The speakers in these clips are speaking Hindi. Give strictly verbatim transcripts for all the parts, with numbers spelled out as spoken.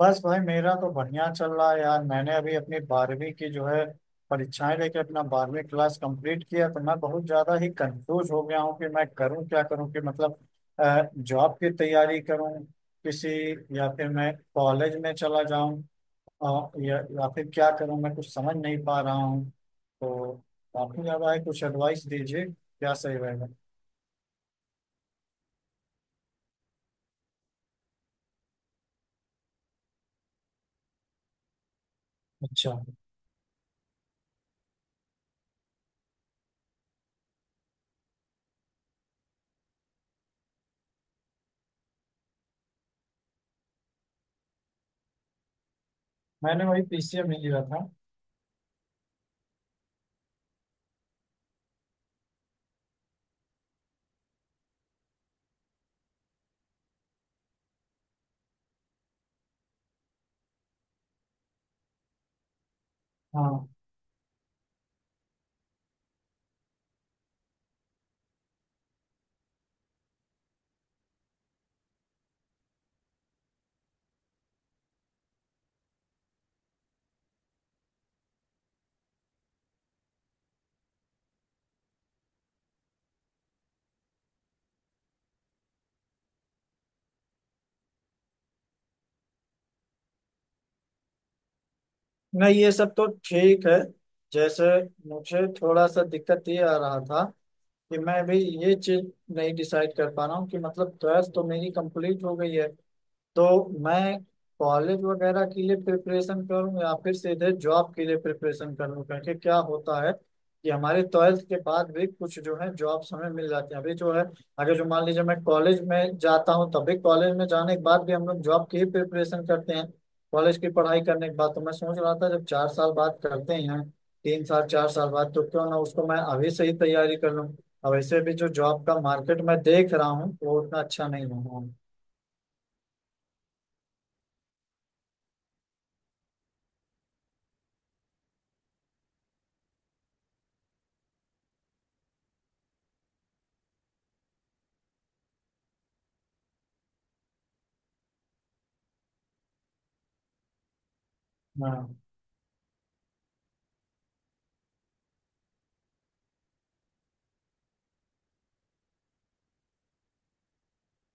बस भाई, मेरा तो बढ़िया चल रहा है यार। मैंने अभी अपनी बारहवीं की जो है परीक्षाएं लेके अपना बारहवीं क्लास कंप्लीट किया, तो मैं बहुत ज्यादा ही कंफ्यूज हो गया हूँ कि मैं करूँ क्या करूँ कि मतलब जॉब की तैयारी करूँ किसी, या फिर मैं कॉलेज में चला जाऊँ, और या, या फिर क्या करूँ, मैं कुछ समझ नहीं पा रहा हूँ तो काफी ज्यादा है। कुछ एडवाइस दीजिए, क्या सही रहेगा। अच्छा। मैंने वही पीसीएम ही लिया था। हाँ। नहीं, ये सब तो ठीक है। जैसे, मुझे थोड़ा सा दिक्कत ये आ रहा था कि मैं भी ये चीज नहीं डिसाइड कर पा रहा हूँ कि मतलब ट्वेल्थ तो मेरी कंप्लीट हो गई है, तो मैं कॉलेज वगैरह के लिए प्रिपरेशन करूं या फिर सीधे जॉब के लिए प्रिपरेशन करूं, क्योंकि क्या होता है कि हमारे ट्वेल्थ के बाद भी कुछ जो है जॉब्स हमें मिल जाती है अभी जो है। अगर जो मान लीजिए मैं कॉलेज में जाता हूँ, तभी कॉलेज में जाने के बाद भी हम लोग जॉब की ही प्रिपरेशन करते हैं कॉलेज की पढ़ाई करने के बाद। तो मैं सोच रहा था जब चार साल बाद करते ही हैं, तीन साल चार साल बाद, तो क्यों ना उसको मैं अभी से ही तैयारी कर लूँ। और वैसे भी जो जॉब का मार्केट मैं देख रहा हूँ, वो उतना अच्छा नहीं हो रहा है। हाँ,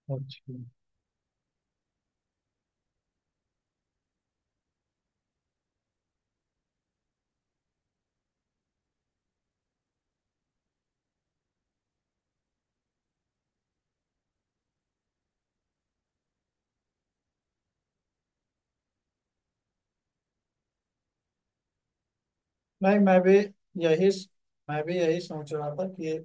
अच्छा। नहीं, मैं भी यही मैं भी यही सोच रहा था कि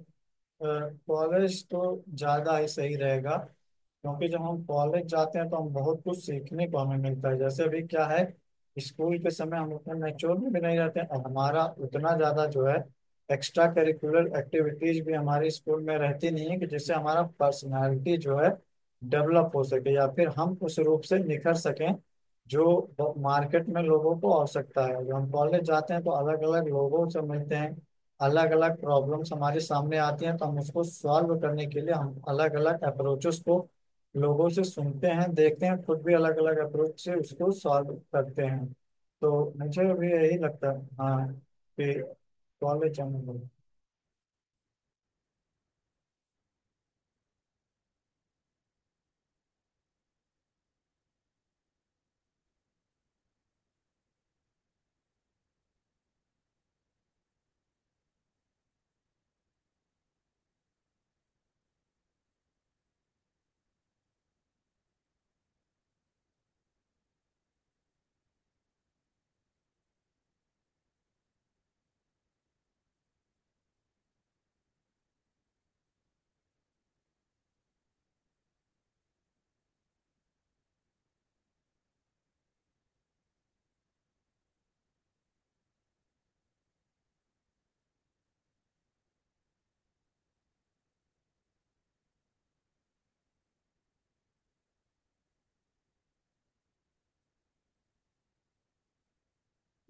कॉलेज तो ज़्यादा ही सही रहेगा, क्योंकि जब हम कॉलेज जाते हैं तो हम बहुत कुछ सीखने को हमें मिलता है। जैसे अभी क्या है, स्कूल के समय हम उतना नेचुरल में भी नहीं रहते हैं, और हमारा उतना ज़्यादा जो है एक्स्ट्रा करिकुलर एक्टिविटीज भी हमारे स्कूल में रहती नहीं है, कि जिससे हमारा पर्सनालिटी जो है डेवलप हो सके या फिर हम उस रूप से निखर सकें, जो मार्केट में लोगों को आवश्यकता है। जब हम कॉलेज जाते हैं तो अलग अलग लोगों से मिलते हैं, अलग अलग प्रॉब्लम्स हमारे सामने आती हैं, तो हम उसको सॉल्व करने के लिए हम अलग अलग अप्रोचेस को लोगों से सुनते हैं, देखते हैं, खुद भी अलग अलग अप्रोच से उसको सॉल्व करते हैं। तो मुझे भी यही लगता है, हाँ कि कॉलेज जाना चाहिए।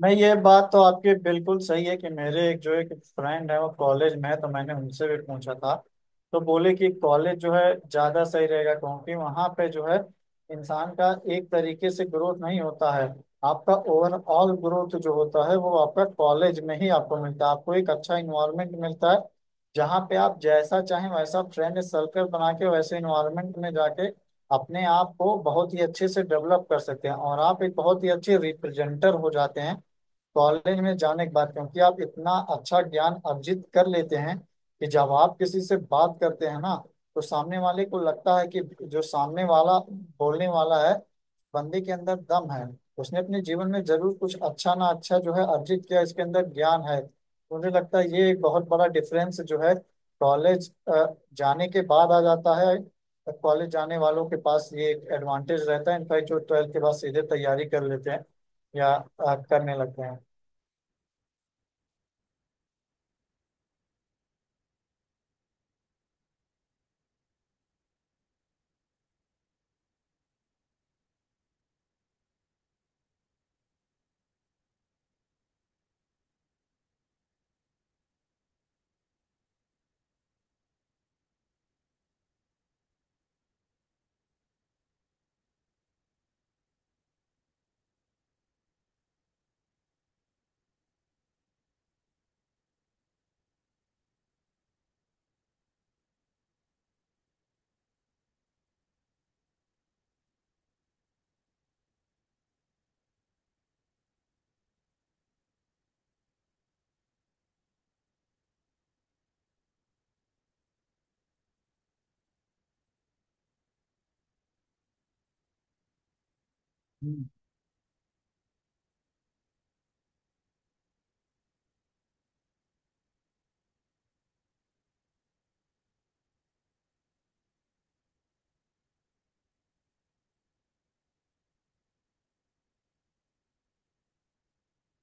नहीं, ये बात तो आपकी बिल्कुल सही है कि मेरे एक जो एक फ्रेंड है वो कॉलेज में है, तो मैंने उनसे भी पूछा था तो बोले कि कॉलेज जो है ज़्यादा सही रहेगा, क्योंकि वहाँ पे जो है इंसान का एक तरीके से ग्रोथ नहीं होता है। आपका ओवरऑल ग्रोथ जो होता है वो आपका कॉलेज में ही आपको मिलता है। आपको एक अच्छा इन्वायरमेंट मिलता है जहाँ पे आप जैसा चाहें वैसा फ्रेंड सर्कल बना के वैसे इन्वायरमेंट में जाके अपने आप को बहुत ही अच्छे से डेवलप कर सकते हैं, और आप एक बहुत ही अच्छे रिप्रेजेंटर हो जाते हैं कॉलेज में जाने के बाद, क्योंकि आप इतना अच्छा ज्ञान अर्जित कर लेते हैं कि जब आप किसी से बात करते हैं ना तो सामने वाले को लगता है कि जो सामने वाला बोलने वाला है, बंदे के अंदर दम है, उसने अपने जीवन में जरूर कुछ अच्छा ना अच्छा जो है अर्जित किया, इसके अंदर ज्ञान है। तो मुझे लगता है ये एक बहुत बड़ा डिफरेंस जो है कॉलेज जाने के बाद आ जाता है। कॉलेज जाने वालों के पास ये एक एडवांटेज रहता है, इनफैक्ट जो ट्वेल्थ के बाद सीधे तैयारी कर लेते हैं या आ, करने लगते हैं। हम्म,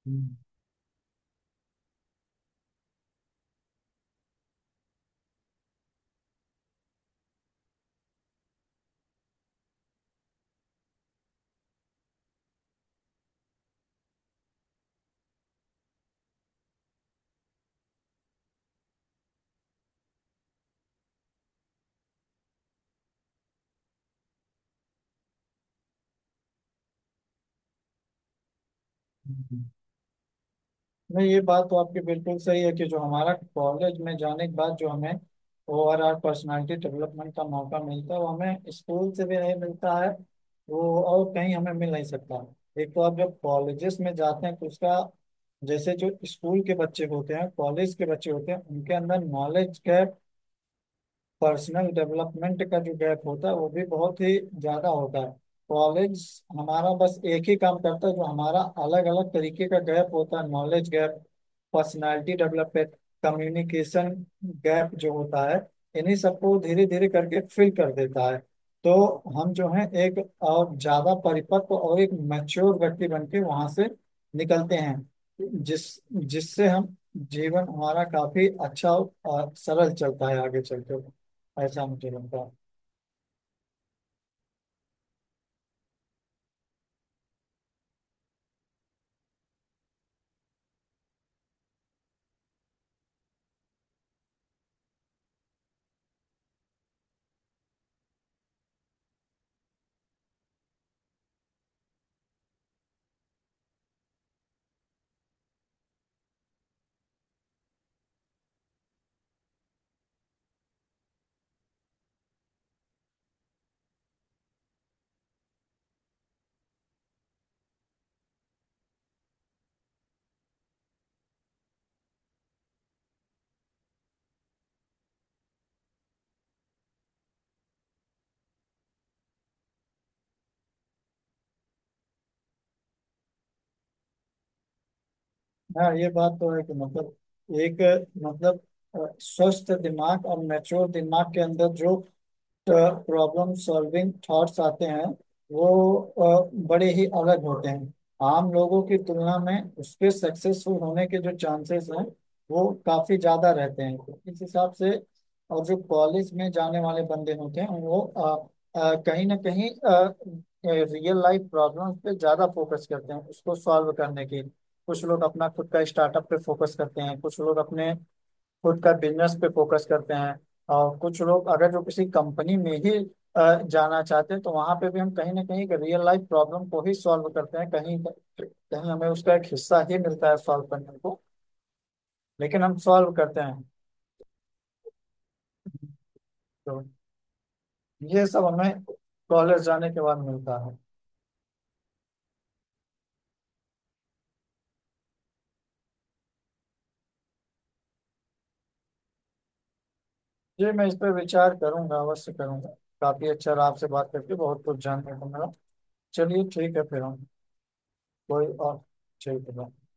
हम्म, हम्म। नहीं, ये बात तो आपकी बिल्कुल सही है कि जो हमारा कॉलेज में जाने के बाद जो हमें ओवरऑल पर्सनालिटी डेवलपमेंट का मौका मिलता है वो हमें स्कूल से भी नहीं मिलता है, वो और कहीं हमें मिल नहीं सकता। एक तो आप जब कॉलेजेस में जाते हैं तो उसका, जैसे जो स्कूल के बच्चे होते हैं कॉलेज के बच्चे होते हैं उनके अंदर नॉलेज गैप, पर्सनल डेवलपमेंट का जो गैप होता है वो भी बहुत ही ज्यादा होता है। कॉलेज हमारा बस एक ही काम करता है, जो हमारा अलग अलग तरीके का गैप होता है, knowledge gap, personality development, communication gap जो होता है, इन्हीं सबको धीरे धीरे करके फिल कर देता है। तो हम जो है एक और ज्यादा परिपक्व और एक मैच्योर व्यक्ति बन के वहां से निकलते हैं, जिस जिससे हम जीवन हमारा काफी अच्छा और अ, सरल चलता है आगे चलकर। ऐसा मुझे लगता है। हाँ, ये बात तो है कि मतलब एक मतलब अ, स्वस्थ दिमाग और मैच्योर दिमाग के अंदर जो प्रॉब्लम सॉल्विंग थॉट्स आते हैं वो अ, बड़े ही अलग होते हैं आम लोगों की तुलना में। उसके सक्सेसफुल होने के जो चांसेस हैं वो काफ़ी ज़्यादा रहते हैं इस हिसाब से। और जो कॉलेज में जाने वाले बंदे होते हैं वो अ, अ, कहीं ना कहीं रियल लाइफ प्रॉब्लम्स पे ज़्यादा फोकस करते हैं उसको सॉल्व करने के। कुछ लोग अपना खुद का स्टार्टअप पे फोकस करते हैं, कुछ लोग अपने खुद का बिजनेस पे फोकस करते हैं, और कुछ लोग अगर जो किसी कंपनी में ही अ, जाना चाहते हैं तो वहां पे भी हम कहीं ना कहीं रियल लाइफ प्रॉब्लम को ही सॉल्व करते हैं, कहीं कहीं हमें उसका एक हिस्सा ही मिलता है सॉल्व करने को, लेकिन हम सॉल्व करते हैं। तो ये सब हमें कॉलेज जाने के बाद मिलता है। जी, मैं इस पर विचार करूंगा, अवश्य करूंगा। काफी अच्छा रहा आपसे बात करके, बहुत कुछ जानने को मिला। चलिए ठीक है फिर हम कोई और, ठीक है।